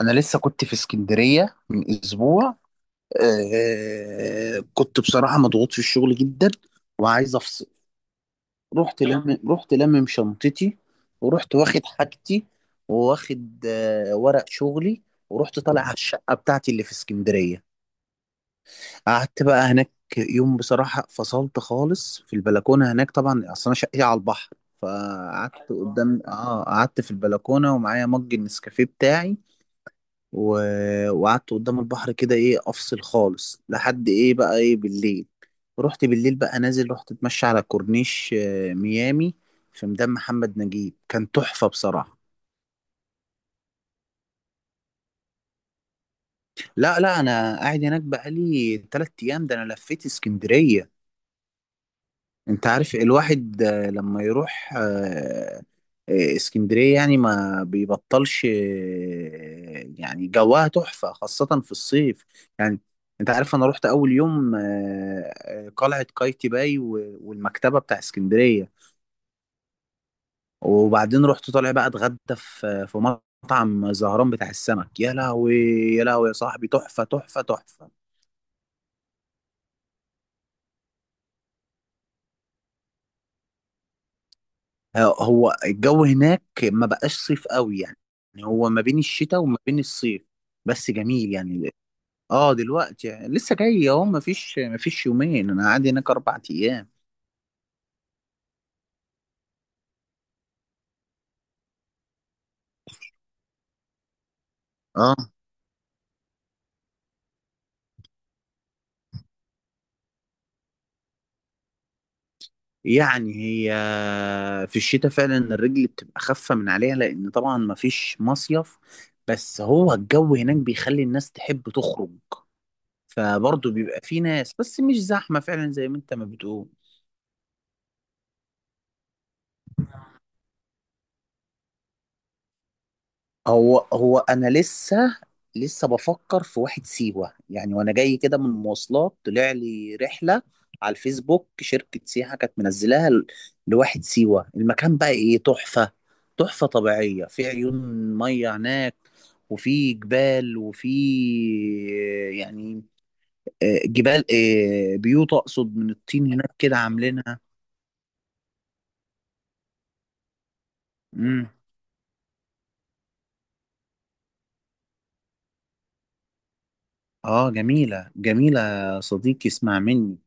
انا لسه كنت في اسكندريه من اسبوع. آه، كنت بصراحه مضغوط في الشغل جدا، وعايز افصل. رحت لم رحت لمم شنطتي، ورحت واخد حاجتي، وواخد ورق شغلي، ورحت طالع على الشقه بتاعتي اللي في اسكندريه. قعدت بقى هناك يوم. بصراحه فصلت خالص في البلكونه هناك، طبعا اصل انا شقتي على البحر. فقعدت قدام اه قعدت في البلكونه ومعايا مج النسكافيه بتاعي، و... وقعدت قدام البحر كده، ايه، افصل خالص لحد ايه بقى ايه بالليل. رحت بالليل بقى نازل، رحت اتمشى على كورنيش ميامي. في ميدان محمد نجيب كان تحفة بصراحة. لا لا، انا قاعد هناك بقالي 3 ايام، ده انا لفيت اسكندرية. انت عارف الواحد لما يروح اسكندرية، يعني ما بيبطلش، يعني جواها تحفة خاصة في الصيف. يعني، انت عارف، انا رحت اول يوم قلعة قايتباي والمكتبة بتاع اسكندرية. وبعدين رحت طالع بقى اتغدى في مطعم زهران بتاع السمك. يا لهوي، يا لهوي يا صاحبي، تحفة تحفة تحفة! هو الجو هناك ما بقاش صيف قوي يعني، يعني هو ما بين الشتاء وما بين الصيف، بس جميل يعني. اه، دلوقتي لسه جاي اهو، ما فيش يومين، انا قاعد هناك 4 ايام. اه، يعني هي في الشتاء فعلا الرجل بتبقى خفة من عليها، لان طبعا ما فيش مصيف، بس هو الجو هناك بيخلي الناس تحب تخرج، فبرضه بيبقى في ناس، بس مش زحمة فعلا زي ما انت ما بتقول. هو انا لسه بفكر في واحد سيوه يعني، وانا جاي كده من المواصلات طلع لي رحله على الفيسبوك، شركه سياحه كانت منزلاها لواحد سيوه. المكان بقى، ايه، تحفه! تحفه طبيعيه، في عيون ميه هناك، وفي جبال، وفي، يعني، جبال، بيوت اقصد، من الطين هناك كده عاملينها. امم اه، جميله جميله يا صديقي، اسمع مني.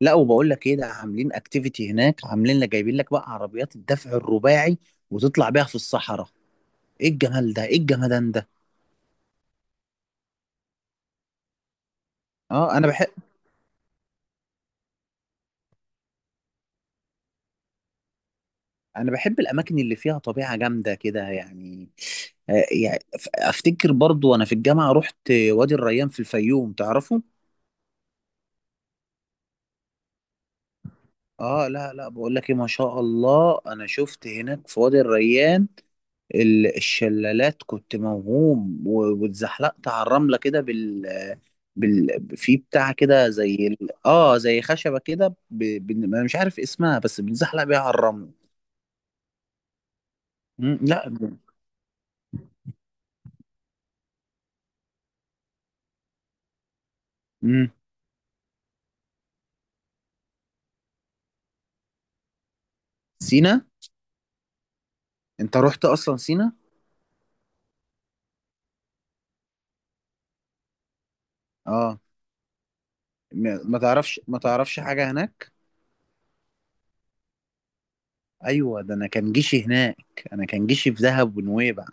لا، وبقول لك ايه، ده عاملين اكتيفيتي هناك، عاملين لك جايبين لك بقى عربيات الدفع الرباعي، وتطلع بيها في الصحراء. ايه الجمال ده، ايه الجمدان ده! اه، انا بحب، انا بحب الاماكن اللي فيها طبيعه جامده كده يعني. يعني افتكر برضو وانا في الجامعه رحت وادي الريان في الفيوم، تعرفه؟ اه لا لا، بقول لك ايه، ما شاء الله انا شفت هناك في وادي الريان الشلالات، كنت موهوم، واتزحلقت على الرمله كده في بتاع كده، زي ال... اه زي خشبة كده، انا مش عارف اسمها، بس بنزحلق بيها على الرمل. مم. لا. مم. سينا. انت رحت اصلا سينا؟ اه، ما تعرفش، حاجة هناك. ايوه، ده انا كان جيشي هناك، انا كان جيشي في دهب ونويبع.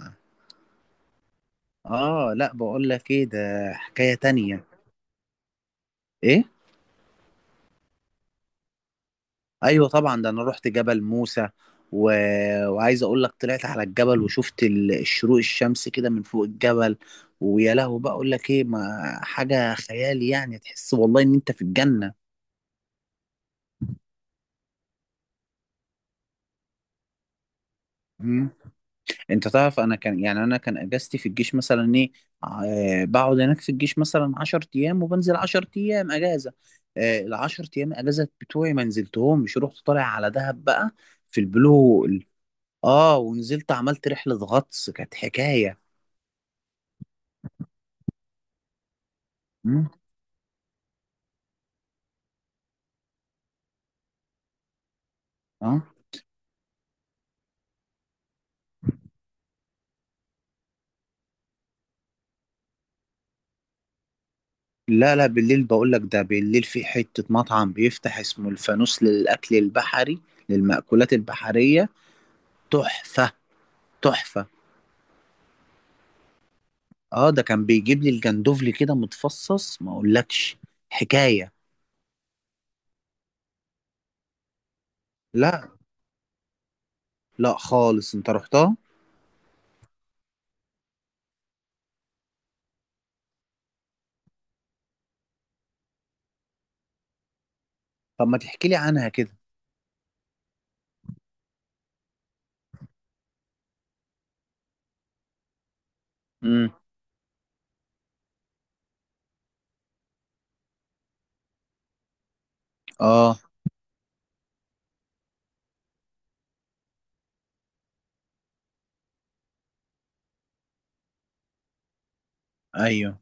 اه لا، بقول لك ايه ده، حكاية تانية. ايه؟ ايوه طبعا، ده انا رحت جبل موسى و... وعايز اقول لك، طلعت على الجبل وشفت الشروق الشمس كده من فوق الجبل. ويا لهو، بقى اقول لك ايه، ما حاجه خيالي يعني، تحس والله ان انت في الجنه. مم. انت تعرف، انا كان يعني، انا كان اجازتي في الجيش مثلا ايه، بقعد هناك في الجيش مثلا 10 ايام، وبنزل 10 ايام اجازه. العشر ايام اجازه بتوعي ما نزلتهمش، رحت طالع على دهب بقى في البلو هول. اه، ونزلت عملت رحله غطس، كانت حكايه. مم. اه لا لا، بالليل بقول لك ده، بالليل في حتة مطعم بيفتح اسمه الفانوس للأكل البحري، للمأكولات البحرية. تحفة. تحفة. اه، ده كان بيجيب لي الجندوفلي كده متفصص، ما اقولكش، حكاية. لا. لا خالص، انت رحتها. طب ما تحكي لي عنها كده. امم. اه. ايوه.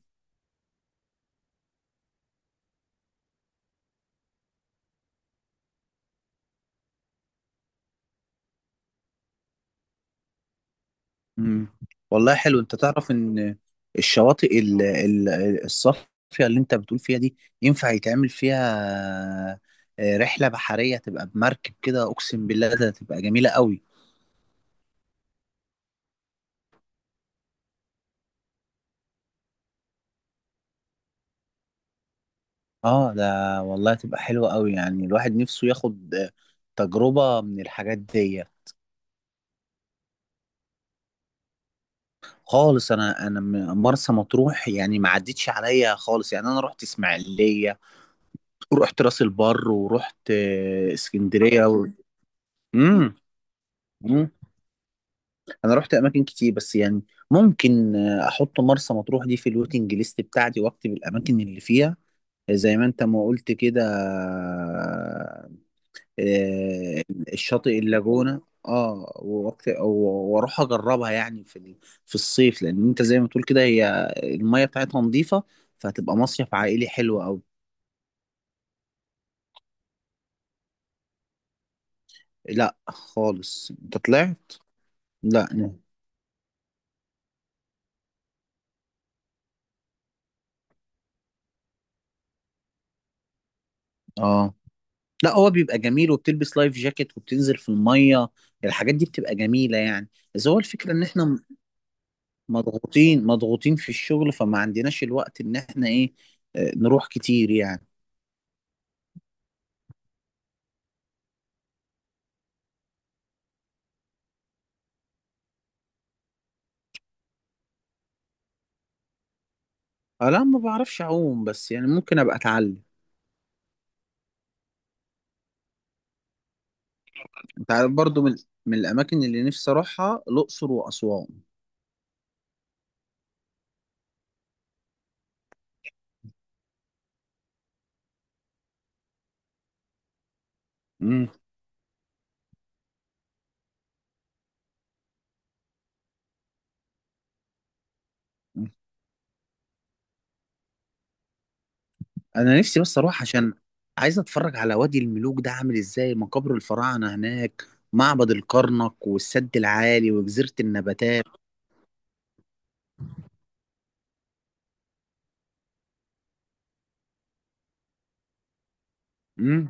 مم. والله حلو. انت تعرف ان الشواطئ الصافية اللي انت بتقول فيها دي، ينفع يتعمل فيها رحلة بحرية، تبقى بمركب كده، اقسم بالله ده تبقى جميلة قوي. اه ده، والله تبقى حلوة قوي، يعني الواحد نفسه ياخد تجربة من الحاجات دي. خالص، انا مرسى مطروح يعني ما عدتش عليا خالص، يعني انا رحت اسماعيلية، ورحت راس البر، ورحت اسكندرية مم. انا رحت اماكن كتير، بس يعني ممكن احط مرسى مطروح دي في الويتنج ليست بتاعتي واكتب الاماكن اللي فيها، زي ما انت ما قلت كده. آه، الشاطئ اللاجونة، اه، واروح اجربها يعني في الصيف، لان انت زي ما تقول كده هي المية بتاعتها نظيفة، فهتبقى مصيف عائلي حلو قوي. لا خالص، انت طلعت. لا. اه لا، هو بيبقى جميل، وبتلبس لايف جاكيت وبتنزل في المية، الحاجات دي بتبقى جميلة يعني. بس هو الفكرة ان احنا مضغوطين مضغوطين في الشغل، فما عندناش الوقت ان احنا ايه، نروح كتير يعني. لا ما بعرفش اعوم، بس يعني ممكن ابقى اتعلم. انت عارف برضو، من الاماكن اللي نفسي اروحها الاقصر واسوان. مم. انا نفسي بس اروح عشان عايز اتفرج على وادي الملوك، ده عامل ازاي، مقابر الفراعنة هناك، معبد الكرنك والسد العالي وجزيرة النباتات. مم.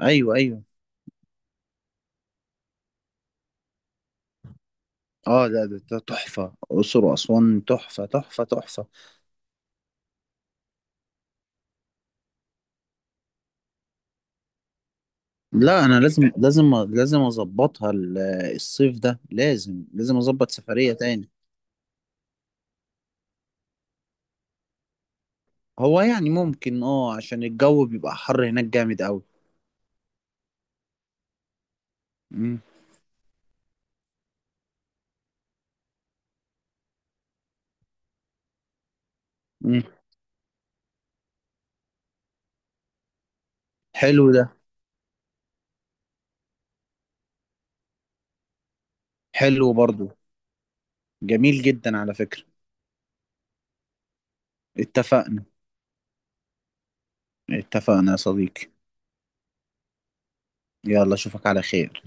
ايوه ايوه. اه لا، ده ده تحفه، الاقصر واسوان تحفه تحفه تحفه. لا، انا لازم لازم لازم اظبطها، الصيف ده لازم لازم اظبط سفريه تاني. هو يعني ممكن، اه، عشان الجو بيبقى حر هناك جامد قوي. امم امم حلو ده. حلو برضو، جميل جدا على فكره. اتفقنا. اتفقنا يا صديقي. يلا، اشوفك على خير.